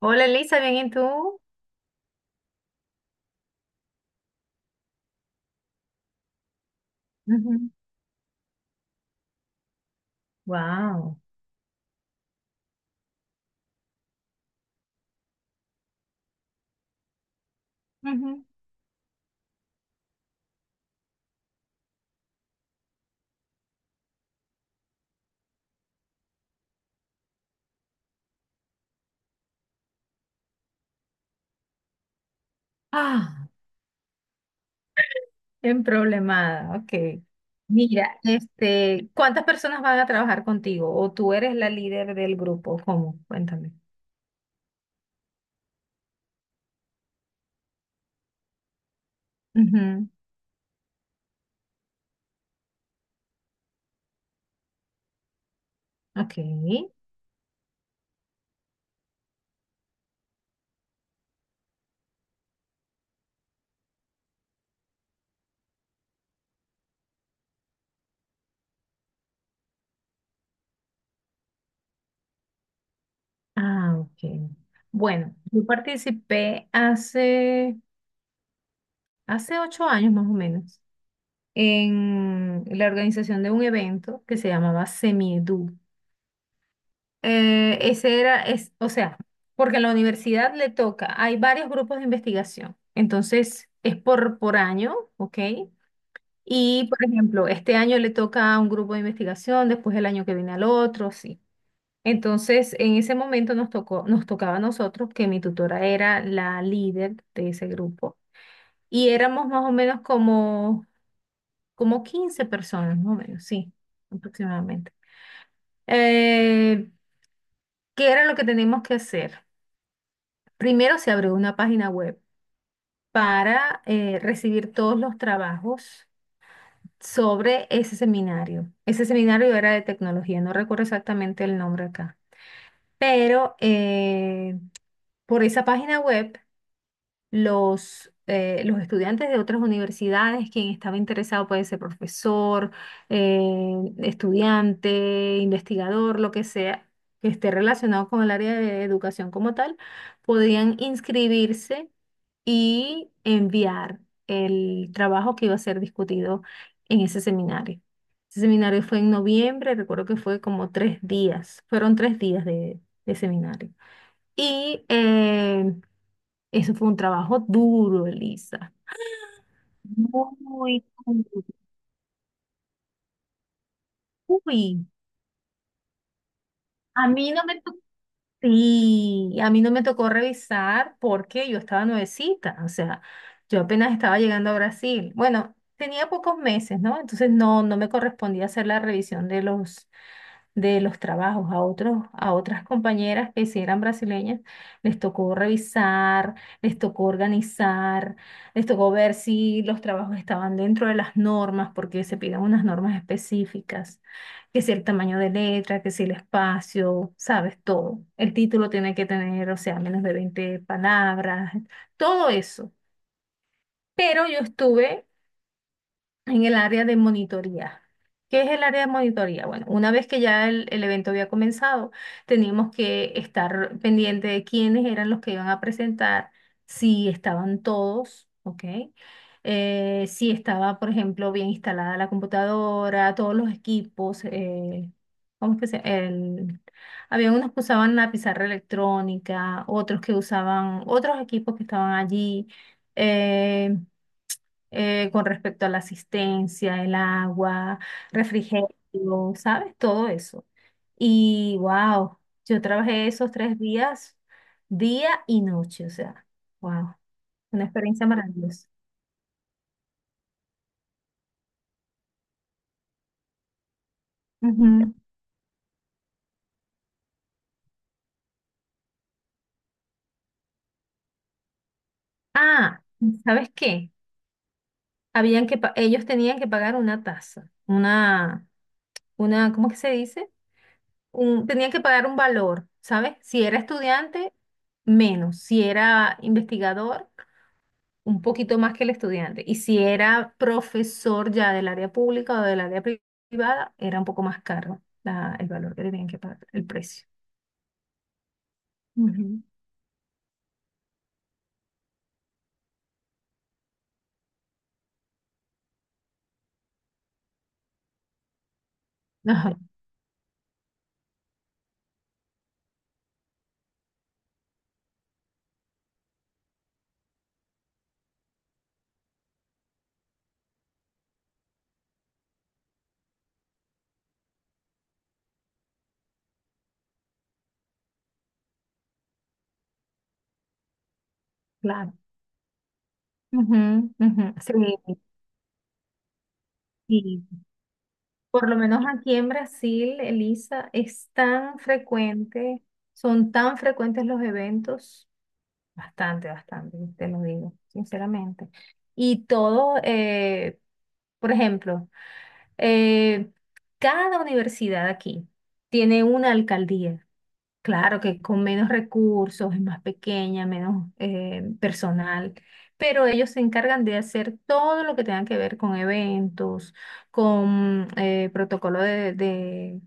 Hola Elisa, ¿bien y tú? Wow. Ah, bien problemada, ok. Mira, este, ¿cuántas personas van a trabajar contigo? ¿O tú eres la líder del grupo? ¿Cómo? Cuéntame. Ujú. Ok. Ah, ok. Bueno, yo participé hace 8 años más o menos en la organización de un evento que se llamaba Semiedu. Ese era, es, o sea, porque en la universidad le toca, hay varios grupos de investigación, entonces es por año, ¿ok? Y, por ejemplo, este año le toca a un grupo de investigación, después el año que viene al otro, sí. Entonces, en ese momento nos tocó, nos tocaba a nosotros, que mi tutora era la líder de ese grupo, y éramos más o menos como, como 15 personas, más o menos, sí, aproximadamente. Eh, ¿Qué era lo que teníamos que hacer? Primero se abrió una página web para recibir todos los trabajos sobre ese seminario. Ese seminario era de tecnología, no recuerdo exactamente el nombre acá, pero por esa página web los estudiantes de otras universidades, quien estaba interesado puede ser profesor, estudiante, investigador, lo que sea, que esté relacionado con el área de educación como tal, podían inscribirse y enviar el trabajo que iba a ser discutido en ese seminario. Ese seminario fue en noviembre, recuerdo que fue como 3 días, fueron 3 días de seminario. Y eso fue un trabajo duro, Elisa. Muy duro. Uy, a mí no me tocó. Y a mí no me tocó revisar porque yo estaba nuevecita, o sea, yo apenas estaba llegando a Brasil. Bueno, tenía pocos meses, ¿no? Entonces no, no me correspondía hacer la revisión de los trabajos a otros, a otras compañeras que sí eran brasileñas, les tocó revisar, les tocó organizar, les tocó ver si los trabajos estaban dentro de las normas, porque se piden unas normas específicas, que si el tamaño de letra, que si el espacio, sabes, todo. El título tiene que tener, o sea, menos de 20 palabras, todo eso. Pero yo estuve en el área de monitoría. ¿Qué es el área de monitoría? Bueno, una vez que ya el evento había comenzado, teníamos que estar pendiente de quiénes eran los que iban a presentar, si estaban todos, ¿ok? Si estaba, por ejemplo, bien instalada la computadora, todos los equipos, ¿cómo es que se? El, había unos que usaban la pizarra electrónica, otros que usaban otros equipos que estaban allí. eh, con respecto a la asistencia, el agua, refrigerio, ¿sabes? Todo eso. Y wow, yo trabajé esos 3 días, día y noche, o sea, wow, una experiencia maravillosa. Ujú. Ah, ¿sabes qué? Habían ellos tenían que pagar una tasa, ¿cómo que se dice? Un, tenían que pagar un valor, ¿sabes? Si era estudiante, menos. Si era investigador, un poquito más que el estudiante. Y si era profesor ya del área pública o del área privada, era un poco más caro el valor que tenían que pagar, el precio. Ujú. Ajá, claro. Ujú, ujú. Sí, sí. Por lo menos aquí en Brasil, Elisa, es tan frecuente, son tan frecuentes los eventos. Bastante, bastante, te lo digo, sinceramente. Y todo, por ejemplo, Eh, cada universidad aquí tiene una alcaldía. Claro que con menos recursos, es más pequeña, menos personal, pero ellos se encargan de hacer todo lo que tenga que ver con eventos, con protocolo de, de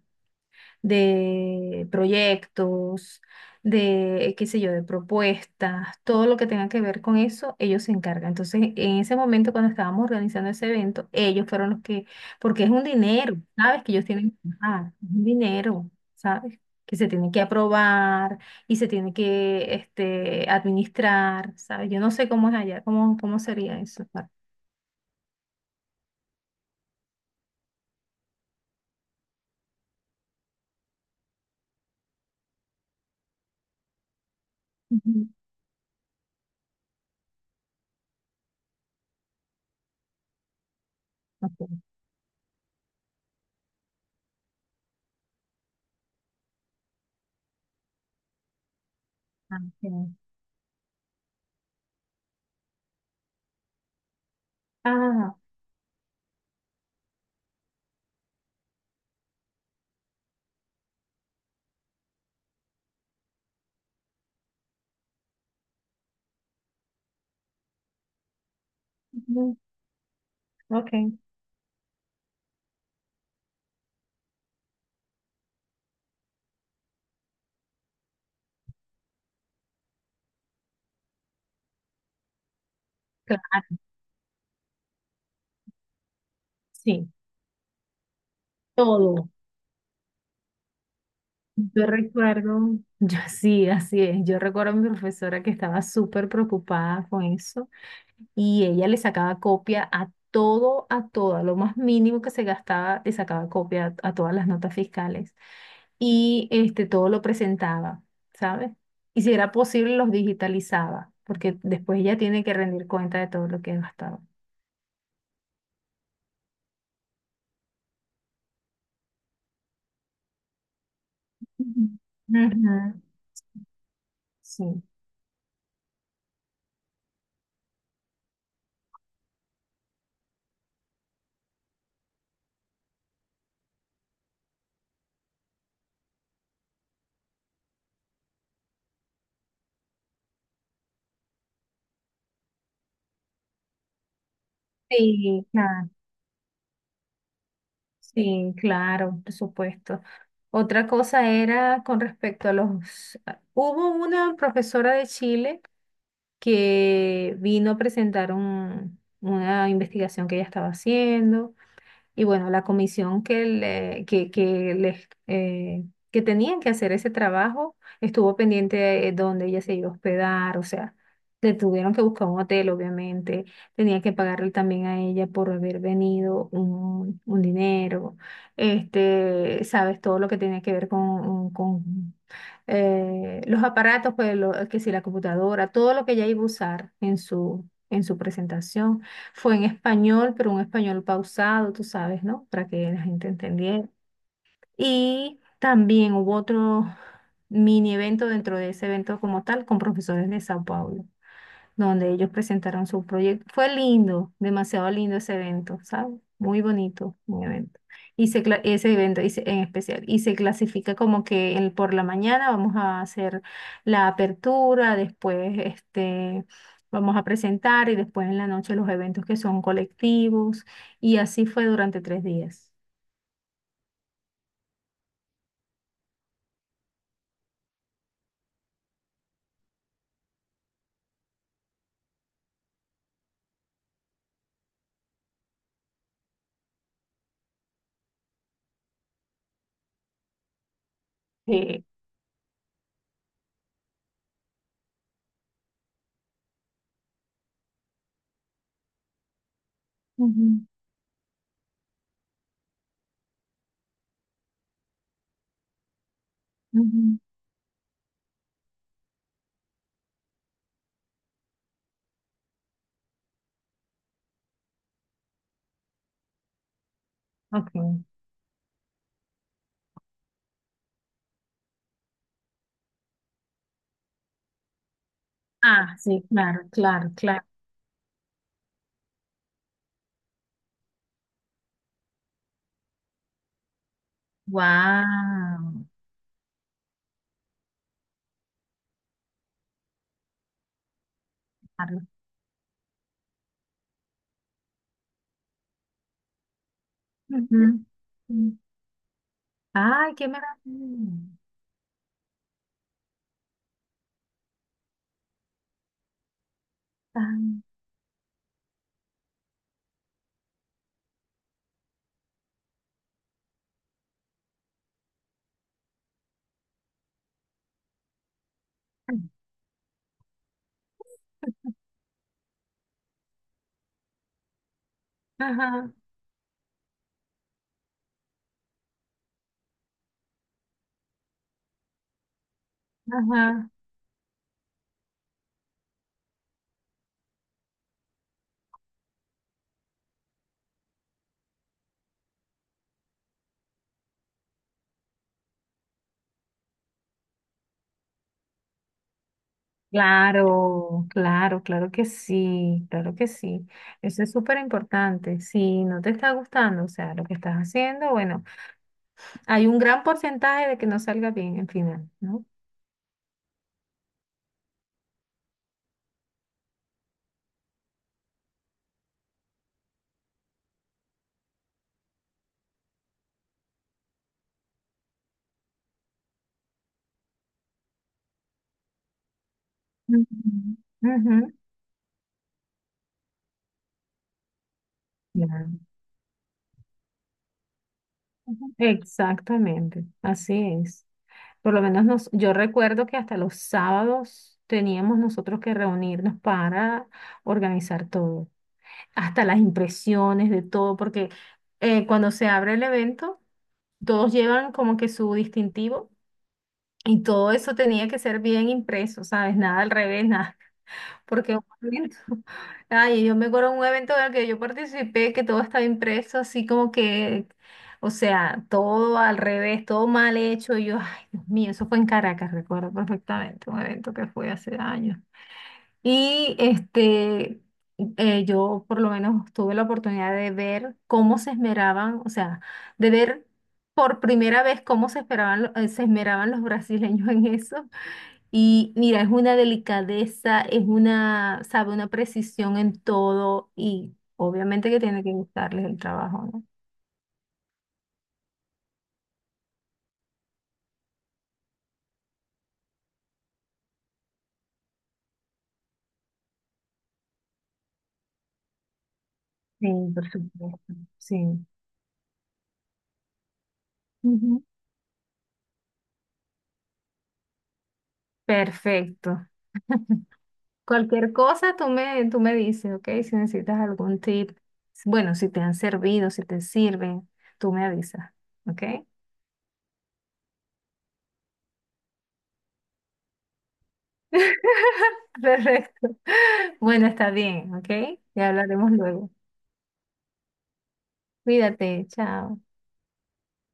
de proyectos, de, qué sé yo, de propuestas, todo lo que tenga que ver con eso, ellos se encargan. Entonces, en ese momento cuando estábamos organizando ese evento, ellos fueron los que, porque es un dinero, ¿sabes? Que ellos tienen que pagar, es un dinero, ¿sabes? Que se tiene que aprobar y se tiene que este, administrar, ¿sabes? Yo no sé cómo es allá, cómo, cómo sería eso. Ujú. Ok. Ah, ok. Ah, ujú, ok. Claro, sí, todo. Yo recuerdo, yo sí, así es. Yo recuerdo a mi profesora que estaba súper preocupada con eso y ella le sacaba copia a todo, a todo, a lo más mínimo que se gastaba, le sacaba copia a todas las notas fiscales y este, todo lo presentaba, ¿sabes? Y si era posible, los digitalizaba, porque después ella tiene que rendir cuenta de todo lo que ha gastado. Ujú. Ujú. Sí. Sí, claro. Sí, claro, por supuesto. Otra cosa era con respecto a los... Hubo una profesora de Chile que vino a presentar una investigación que ella estaba haciendo. Y bueno, la comisión que, le- que, les, que tenían que hacer ese trabajo estuvo pendiente de dónde ella se iba a hospedar, o sea, le tuvieron que buscar un hotel, obviamente, tenía que pagarle también a ella por haber venido un dinero, este, sabes, todo lo que tenía que ver con los aparatos, pues que si la computadora, todo lo que ella iba a usar en su presentación fue en español, pero un español pausado, tú sabes, ¿no? Para que la gente entendiera. Y también hubo otro mini evento dentro de ese evento como tal con profesores de Sao Paulo donde ellos presentaron su proyecto. Fue lindo, demasiado lindo ese evento, ¿sabes? Muy bonito, muy evento. Ese evento en especial. Y se clasifica como que por la mañana vamos a hacer la apertura, después este, vamos a presentar y después en la noche los eventos que son colectivos. Y así fue durante 3 días. Sí. Ujú, ujú. Ok. Ah, sí, claro, claro, claro. Wow. Ujú. Ay, qué maravilla. Ay. Ajá, ajá. Claro, claro, claro que sí, claro que sí. Eso es súper importante. Si no te está gustando, o sea, lo que estás haciendo, bueno, hay un gran porcentaje de que no salga bien al final, ¿no? Ujú, ujú, claro. Ujú. Exactamente, así es. Por lo menos nos, yo recuerdo que hasta los sábados teníamos nosotros que reunirnos para organizar todo. Hasta las impresiones de todo, porque cuando se abre el evento, todos llevan como que su distintivo y todo eso tenía que ser bien impreso, ¿sabes? Nada al revés, nada, porque un evento- ay, yo me acuerdo de un evento en el que yo participé que todo estaba impreso así como que, o sea, todo al revés, todo mal hecho, y yo, ay, Dios mío, eso fue en Caracas, recuerdo perfectamente, un evento que fue hace años. Y este, yo por lo menos tuve la oportunidad de ver cómo se esmeraban, o sea, de ver por primera vez cómo se esperaban, se esmeraban los brasileños en eso. Y mira, es una delicadeza, es una, sabe, una precisión en todo y obviamente que tiene que gustarles el trabajo, ¿no? Sí, por supuesto. Sí. Ujú. Perfecto. Cualquier cosa tú me dices, ¿ok? Si necesitas algún tip, bueno, si te han servido, si te sirven, tú me avisas, ¿ok? Perfecto. Bueno, está bien, ¿ok? Ya hablaremos luego. Cuídate, chao.